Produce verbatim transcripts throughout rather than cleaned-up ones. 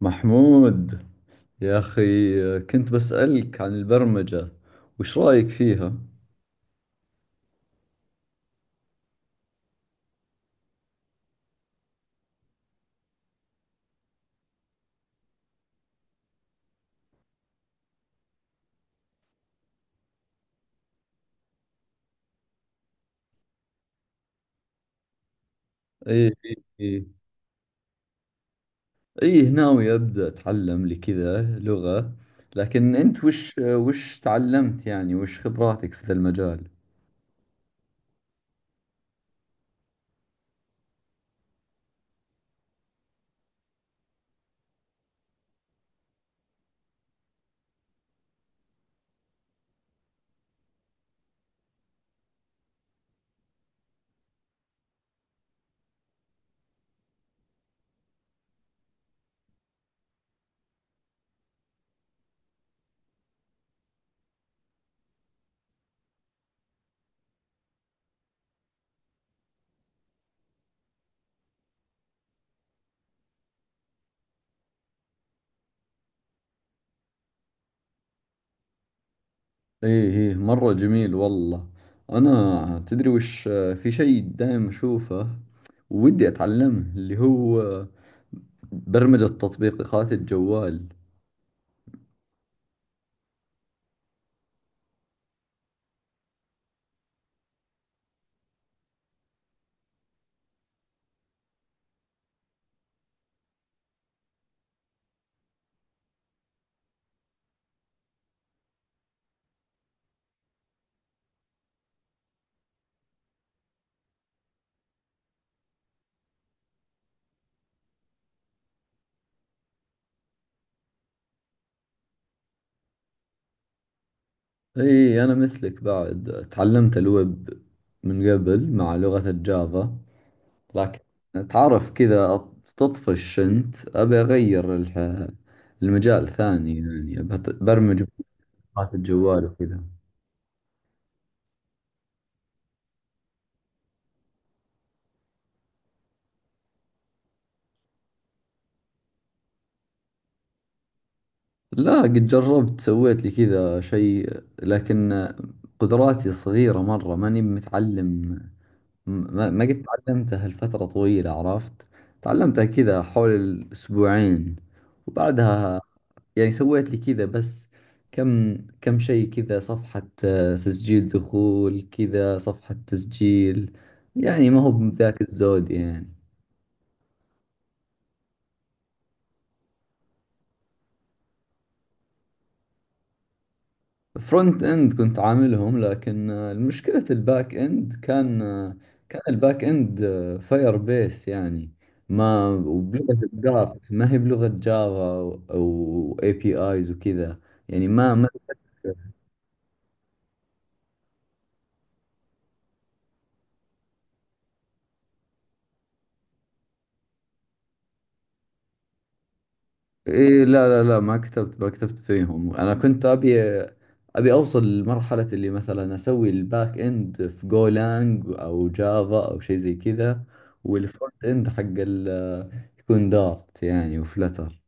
محمود، يا أخي كنت بسألك عن البرمجة، وش رأيك فيها؟ إيه إيه إيه. إيه ناوي أبدأ أتعلم لي كذا لغة، لكن أنت وش وش تعلمت؟ يعني وش خبراتك في ذا المجال؟ إيه إيه، مرة جميل والله. أنا تدري وش؟ في شيء دائم أشوفه ودي أتعلمه، اللي هو برمجة تطبيقات الجوال. اي انا مثلك، بعد تعلمت الويب من قبل مع لغة الجافا، لكن تعرف كذا أط- تطفش. انت ابي اغير الح... المجال ثاني، يعني أبي أت- برمج بلغات الجوال وكذا. لا، قد جربت، سويت لي كذا شيء، لكن قدراتي صغيرة مرة، ماني متعلم. ما ما قد تعلمتها لفترة طويلة، عرفت؟ تعلمتها كذا حول الأسبوعين وبعدها يعني سويت لي كذا بس. كم كم شيء، كذا صفحة آه، تسجيل دخول، كذا صفحة تسجيل. يعني ما هو بذاك الزود يعني. فرونت اند كنت عاملهم، لكن آه، المشكلة الباك اند كان آه، كان الباك اند فاير بيس يعني، ما وبلغة دارت، ما هي بلغة جافا او اي بي ايز وكذا. يعني ما ما إيه. لا لا لا، ما كتبت، ما كتبت فيهم. انا كنت ابي ابي اوصل لمرحلة اللي مثلا اسوي الباك اند في جولانج او جافا او شيء زي كذا، والفرونت اند حق ال- يكون دارت يعني، وفلتر.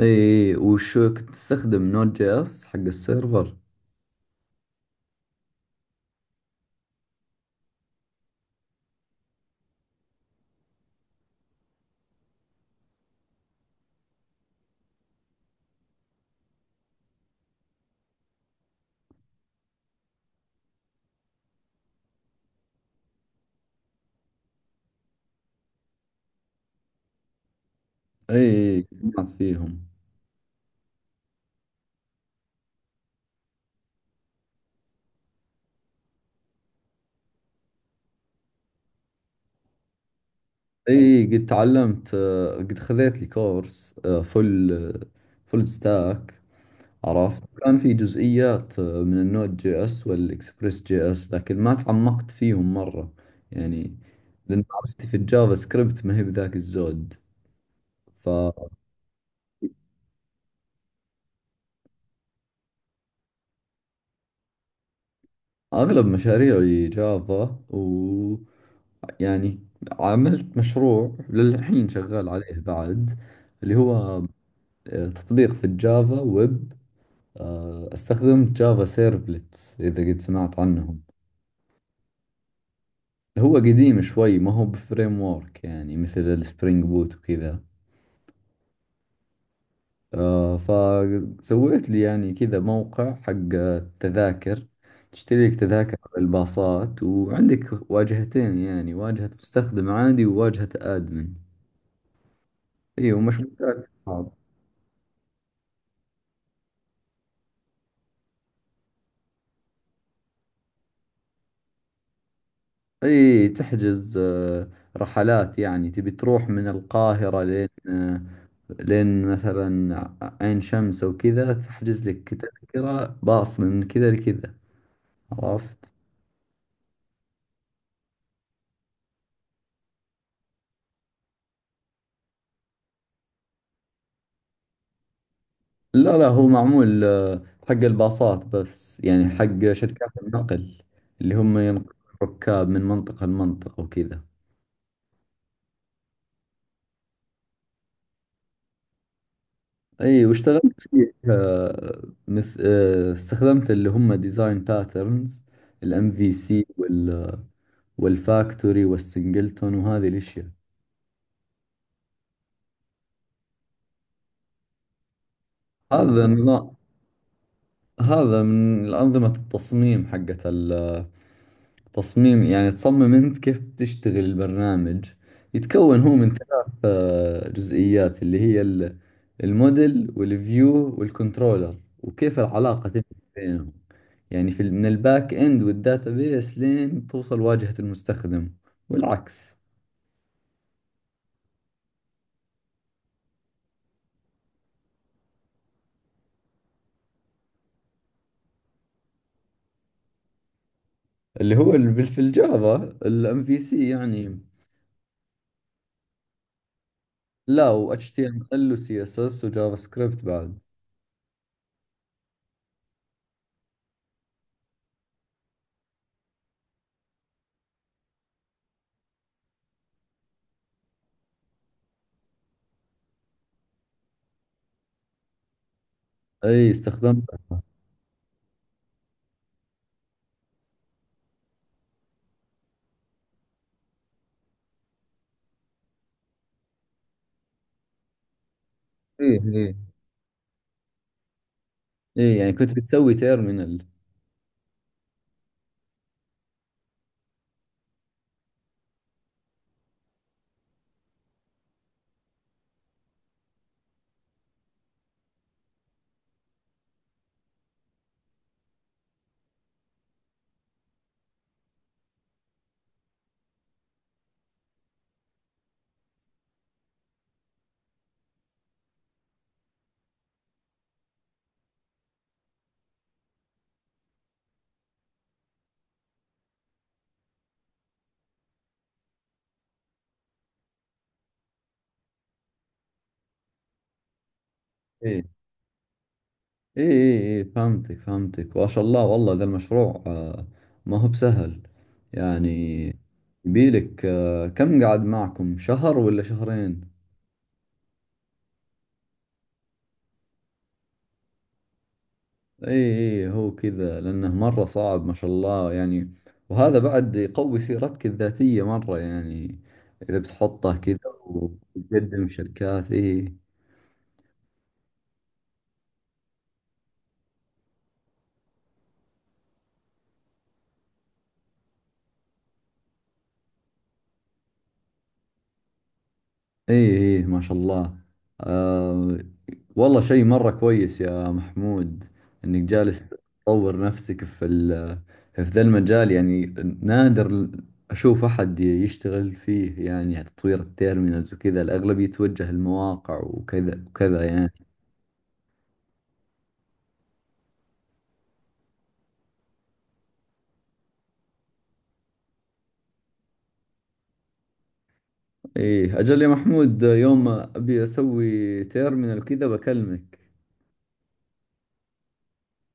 اي، وش كنت تستخدم؟ نود جي اس حق السيرفر؟ اي، ناس فيهم. اي، قد تعلمت، آه، قد خذيت لي كورس فل فل ستاك، عرفت؟ كان في جزئيات آه، من النود جي اس والاكسبريس جي اس، لكن ما تعمقت فيهم مرة يعني. لأن معرفتي في الجافا سكريبت ما هي بذاك الزود. فأغلب مشاريعي جافا، و يعني عملت مشروع للحين شغال عليه بعد، اللي هو آه، تطبيق في الجافا ويب. آه، استخدمت جافا سيرفلتس، إذا قد سمعت عنهم. هو قديم شوي، ما هو بفريم وورك يعني مثل السبرينج بوت وكذا. آه، فسويت لي يعني كذا موقع حق التذاكر، تشتري لك تذاكر على الباصات، وعندك واجهتين يعني: واجهة مستخدم عادي وواجهة آدمن. اي، ومشبوكات بعض. اي، تحجز آه، رحلات يعني، تبي تروح من القاهرة لين آه، لين مثلا عين شمس وكذا، تحجز لك تذكرة باص من كذا لكذا، عرفت؟ لا لا، هو معمول آه، حق الباصات بس، يعني حق شركات النقل اللي هم ينقلون الركاب من منطقة لمنطقة وكذا. اي، واشتغلت فيه آه، مث... آه، استخدمت اللي هم ديزاين باترنز: الام في سي والفاكتوري والسنجلتون وهذه الاشياء. هذا النظام، هذا من أنظمة التصميم حقت تصميم يعني، تصمم أنت كيف بتشتغل البرنامج. يتكون هو من ثلاث آه، جزئيات، اللي هي ال- الموديل والفيو والكنترولر، وكيف العلاقة تبني بينهم. يعني في من الباك إند والداتابيس لين توصل واجهة المستخدم والعكس. اللي هو ال- بال- في الجافا، الام في سي يعني. لا، و اتش تي ام ال وسي اس اس وجافا سكريبت بعد. اي، استخدمتها. ايه ايه ايه، يعني كنت بتسوي تيرمينال؟ اي اي اي، فهمتك، فهمتك وما شاء الله، والله ذا المشروع آه، ما هو بسهل يعني. يبيلك آه، كم قعد معكم، شهر ولا شهرين؟ اي اي، هو كذا، لانه مرة صعب ما شاء الله يعني. وهذا بعد يقوي سيرتك الذاتية مرة يعني، اذا بتحطه كذا وتقدم شركات. اي، ايه ايه، ما شاء الله. آه، والله شيء مرة كويس يا محمود، انك جالس تطور نفسك في ال في ذا المجال يعني. نادر اشوف احد يشتغل فيه، يعني تطوير التيرمينالز وكذا. الاغلب يتوجه المواقع وكذا وكذا يعني. ايه، اجل يا محمود، يوم ابي اسوي تيرمينال وكذا بكلمك.